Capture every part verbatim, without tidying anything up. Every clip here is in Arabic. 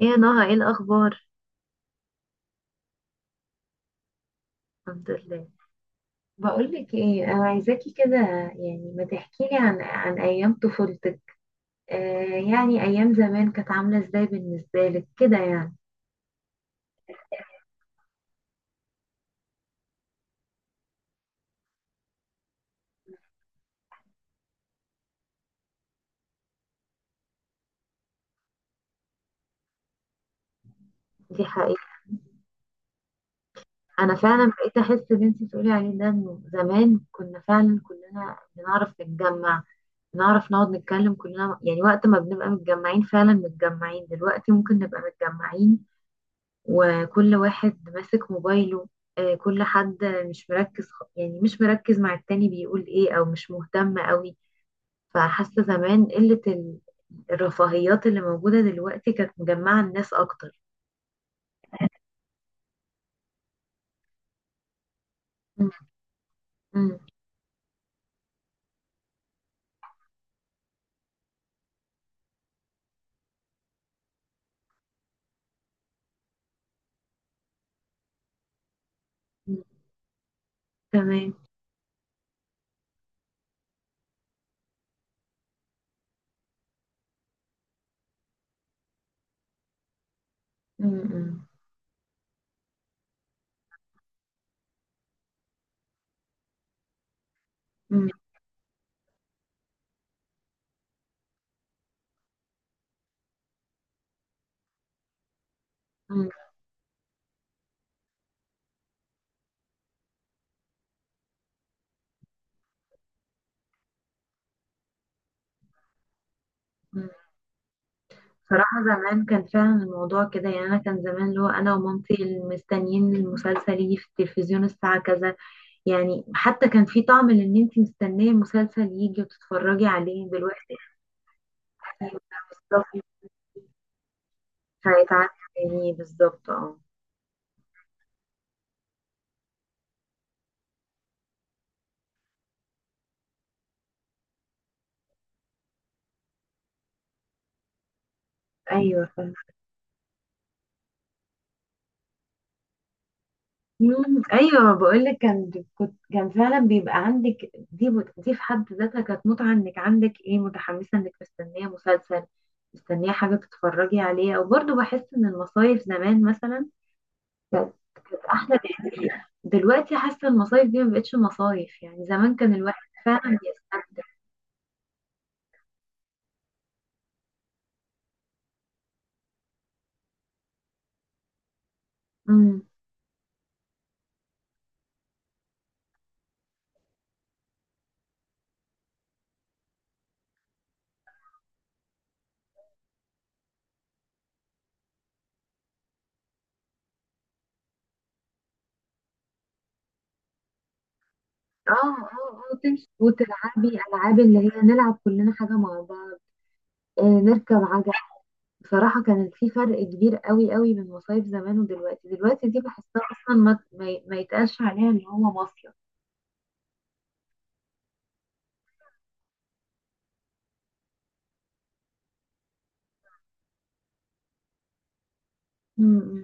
ايه يا نهى، ايه الاخبار؟ الحمد لله. بقولك ايه، انا عايزاكي كده، يعني ما تحكيلي عن عن ايام طفولتك. آه، يعني ايام زمان كانت عامله ازاي بالنسبه لك كده يعني. دي حقيقة. انا فعلا بقيت احس اللي انت بتقولي عليه ده، انه زمان كنا فعلا كلنا بنعرف نتجمع، بنعرف نقعد نتكلم كلنا، يعني وقت ما بنبقى متجمعين فعلا متجمعين. دلوقتي ممكن نبقى متجمعين وكل واحد ماسك موبايله. آه، كل حد مش مركز، خ- يعني مش مركز مع التاني بيقول ايه، او مش مهتم قوي. فحاسة زمان قلة ال- الرفاهيات اللي موجودة دلوقتي كانت مجمعة الناس اكتر. مم. مم. مم. تمام. مم. مم. مم. مم. مم. صراحة زمان كان فعلا الموضوع كده، يعني أنا كان زمان اللي هو أنا ومامتي مستنيين المسلسل يجي في التلفزيون الساعة كذا، يعني حتى كان في طعم لان انت مستنيه مسلسل يجي وتتفرجي عليه دلوقتي. أيوة، مصطفى. مش هيتعامل، يعني بالظبط، اه. ايوه، فاهمة. مم، ايوه، بقول لك كان كنت كان فعلا بيبقى عندك دي دي في حد ذاتها كانت متعه، انك عندك ايه، متحمسه انك مستنيه مسلسل، مستنيه حاجه تتفرجي عليها. وبرضه بحس ان المصايف زمان مثلا كانت احلى بكتير. دلوقتي حاسه المصايف دي ما بقتش مصايف، يعني زمان كان الواحد فعلا بيستمتع. امم، اه، اه، اه، تمشي وتلعبي، العاب اللي هي نلعب كلنا حاجه مع بعض. آه، نركب عجل. بصراحة كان في فرق كبير قوي قوي من مصايف زمان ودلوقتي. دلوقتي دي بحسها أصلا ما, ما ما يتقالش عليها إن هو مصيف. أمم.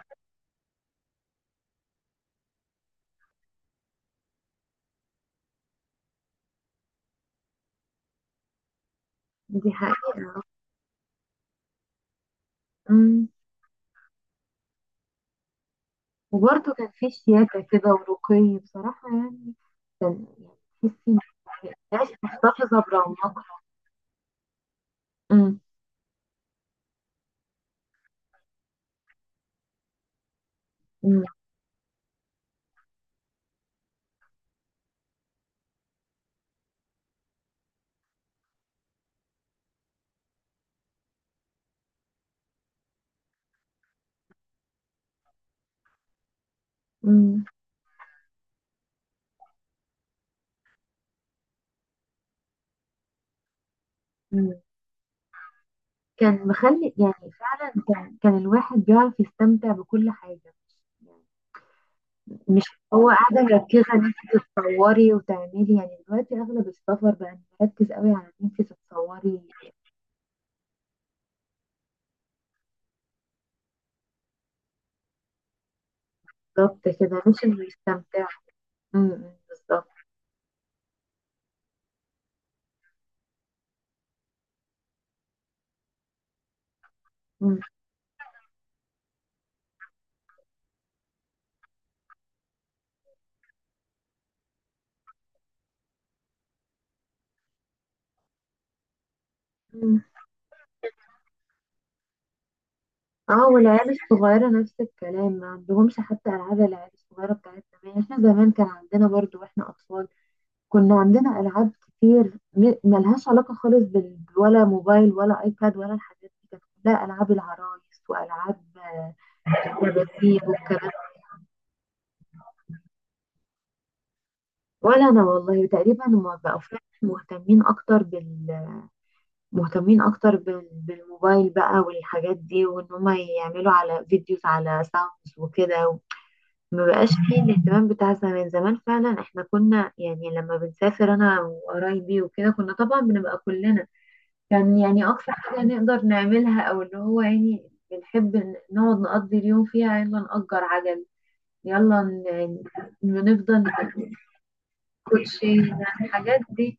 دي حقيقة. أمم. وبرضه كان في شياكة كده ورقي بصراحة، يعني كان يعني تحسي إن العيش محتفظة برونقها. أمم. أمم. أمم. أمم. كان مخلي يعني، فعلا كان كان الواحد بيعرف يستمتع بكل حاجة. مش هو قاعدة مركزة ان انت تتصوري وتعملي، يعني دلوقتي اغلب السفر بقى مركز قوي على ان انت تتصوري. بالظبط كده، مش انه يستمتع. امم. بالظبط. أمم. أمم. اه، والعيال الصغيرة نفس الكلام، ما عندهمش حتى العاب. العيال الصغيرة بتاعت زمان، احنا زمان كان عندنا برضو واحنا اطفال، كنا عندنا العاب كتير م- ملهاش علاقة خالص بال، ولا موبايل، ولا ايباد، ولا الحاجات دي. كانت كلها العاب العرايس، والعاب، آه، الكباتيه والكلام. ولا انا والله تقريبا. هما بقوا فعلا مهتمين اكتر بال مهتمين اكتر بال... بالموبايل بقى والحاجات دي، وان هما يعملوا على فيديوز، على ساوندز وكده. ما بقاش فيه الاهتمام بتاع زمان. زمان فعلا احنا كنا، يعني لما بنسافر انا وقرايبي وكده، كنا طبعا بنبقى كلنا. كان يعني اقصى حاجة نقدر نعملها، او اللي هو يعني بنحب ن- نقعد نقضي اليوم فيها، يلا نأجر عجل، يلا ن... ن- نفضل. كوتشي الحاجات دي.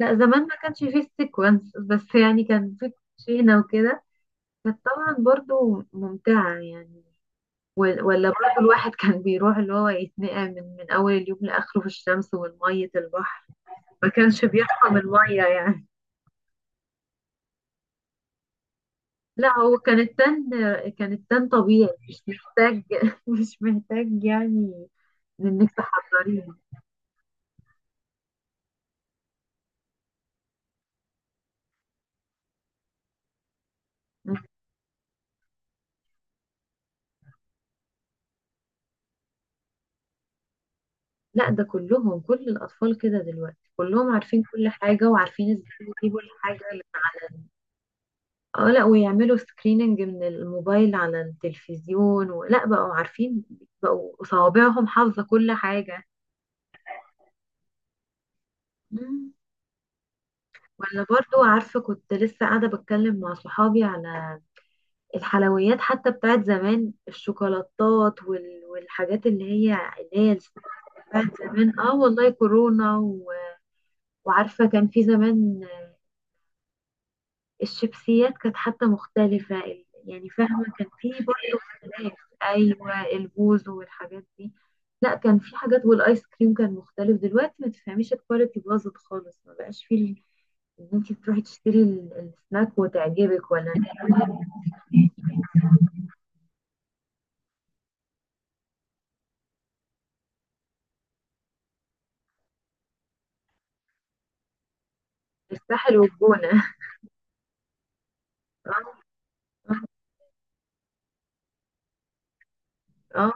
لا زمان ما كانش فيه السيكونس، بس يعني كان فيه كوتشينة وكده. كانت طبعا برضو ممتعة يعني. و- ولا برضو الواحد كان بيروح اللي هو يتنقع من من أول اليوم لآخره في الشمس والمية البحر. ما كانش بيرحم المية يعني. لا هو كان التن، كان التن طبيعي مش محتاج مش محتاج، يعني إنك تحضريه. لا ده كلهم كل الأطفال كده دلوقتي كلهم عارفين كل حاجة، وعارفين ازاي يجيبوا الحاجة. اه، لا ويعملوا سكريننج من الموبايل على التلفزيون، ولا بقوا عارفين، بقوا صوابعهم حافظة كل حاجة. مم. ولا برضو عارفة، كنت لسه قاعدة بتكلم مع صحابي على الحلويات حتى بتاعت زمان، الشوكولاتات وال... والحاجات اللي هي اللي هي بتاعت زمان. اه والله، كورونا و... وعارفة كان في زمان الشيبسيات كانت حتى مختلفة، ال- يعني فاهمة كان في برضه اختلاف. أيوة، البوز والحاجات دي. لا كان في حاجات، والآيس كريم كان مختلف. دلوقتي ما تفهميش، الكواليتي باظت خالص. ما بقاش في ال- إن أنت تروحي تشتري ال- السناك وتعجبك، ولا الساحل والجونة. اه. آه.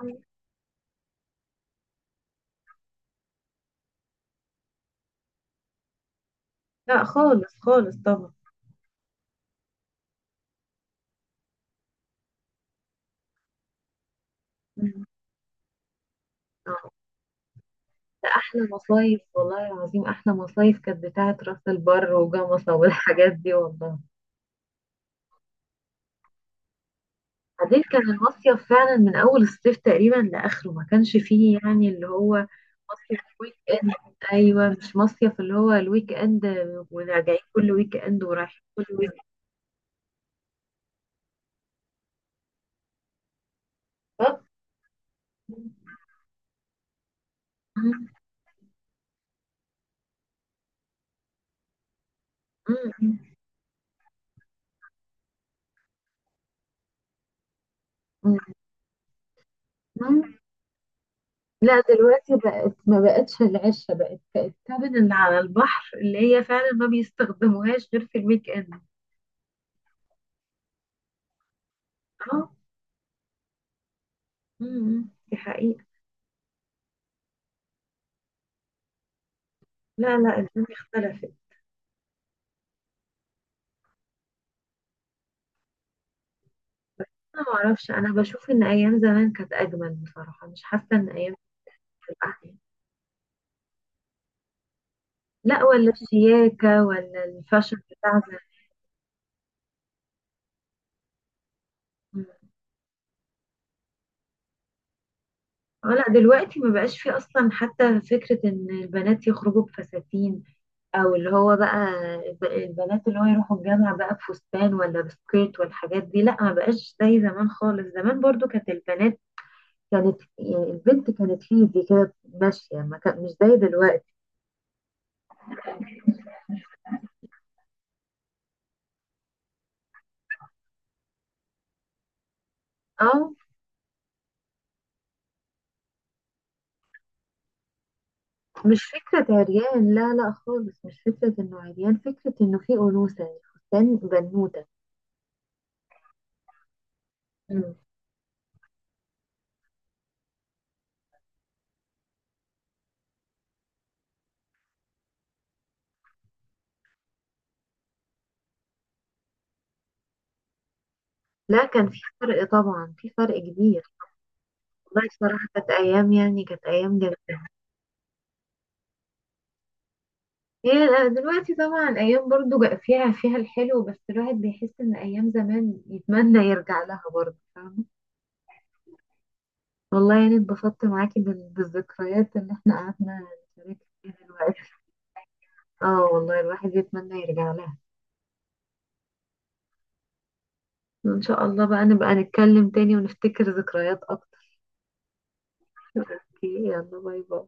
لا خالص خالص طبعا. مم. آه. ده أحلى مصايف، والله العظيم أحلى مصايف كانت بتاعت راس البر وجمصة والحاجات دي، والله. بعدين كان المصيف فعلا من اول الصيف تقريبا لاخره، ما كانش فيه يعني اللي هو مصيف ويك اند. ايوه، مش مصيف اللي هو الويك اند، وراجعين كل ويك اند ورايحين كل ويك اند. مم. مم. مم. مم. لا دلوقتي بقت ما بقتش العشة، بقت الكابن اللي على البحر اللي هي فعلا ما بيستخدموهاش غير في الويك اند. اه. مم. دي حقيقة. لا لا، الدنيا اختلفت. انا ما اعرفش، انا بشوف ان ايام زمان كانت اجمل بصراحه، مش حاسه ان ايام بتبقى احلى. لا، ولا الشياكه ولا الفاشن بتاع زمان. اه، لا دلوقتي ما بقاش في اصلا حتى فكره ان البنات يخرجوا بفساتين، او اللي هو بقى الب- البنات اللي هو يروحوا الجامعه بقى بفستان، ولا بسكيرت والحاجات دي. لا ما بقاش زي زمان خالص. زمان برضو كانت البنات كانت، يعني البنت كانت في ايدي كده ماشيه، ما كان مش زي دلوقتي. اه، مش فكرة عريان، لا لا خالص، مش فكرة انه عريان، فكرة انه في أنوثة. الفستان بنوتة. مم. لا، كان في فرق طبعا، في فرق كبير. والله بصراحة كانت أيام، يعني كانت أيام جميلة. هي دلوقتي طبعا ايام برضو جا- فيها فيها الحلو، بس الواحد بيحس ان ايام زمان يتمنى يرجع لها برضو، فاهمة. والله يعني اتبسطت معاكي بال- بالذكريات اللي احنا قعدنا نشارك فيها دلوقتي. اه والله، الواحد يتمنى يرجع لها. ان شاء الله بقى نبقى نتكلم تاني ونفتكر ذكريات اكتر. اوكي، يلا باي باي.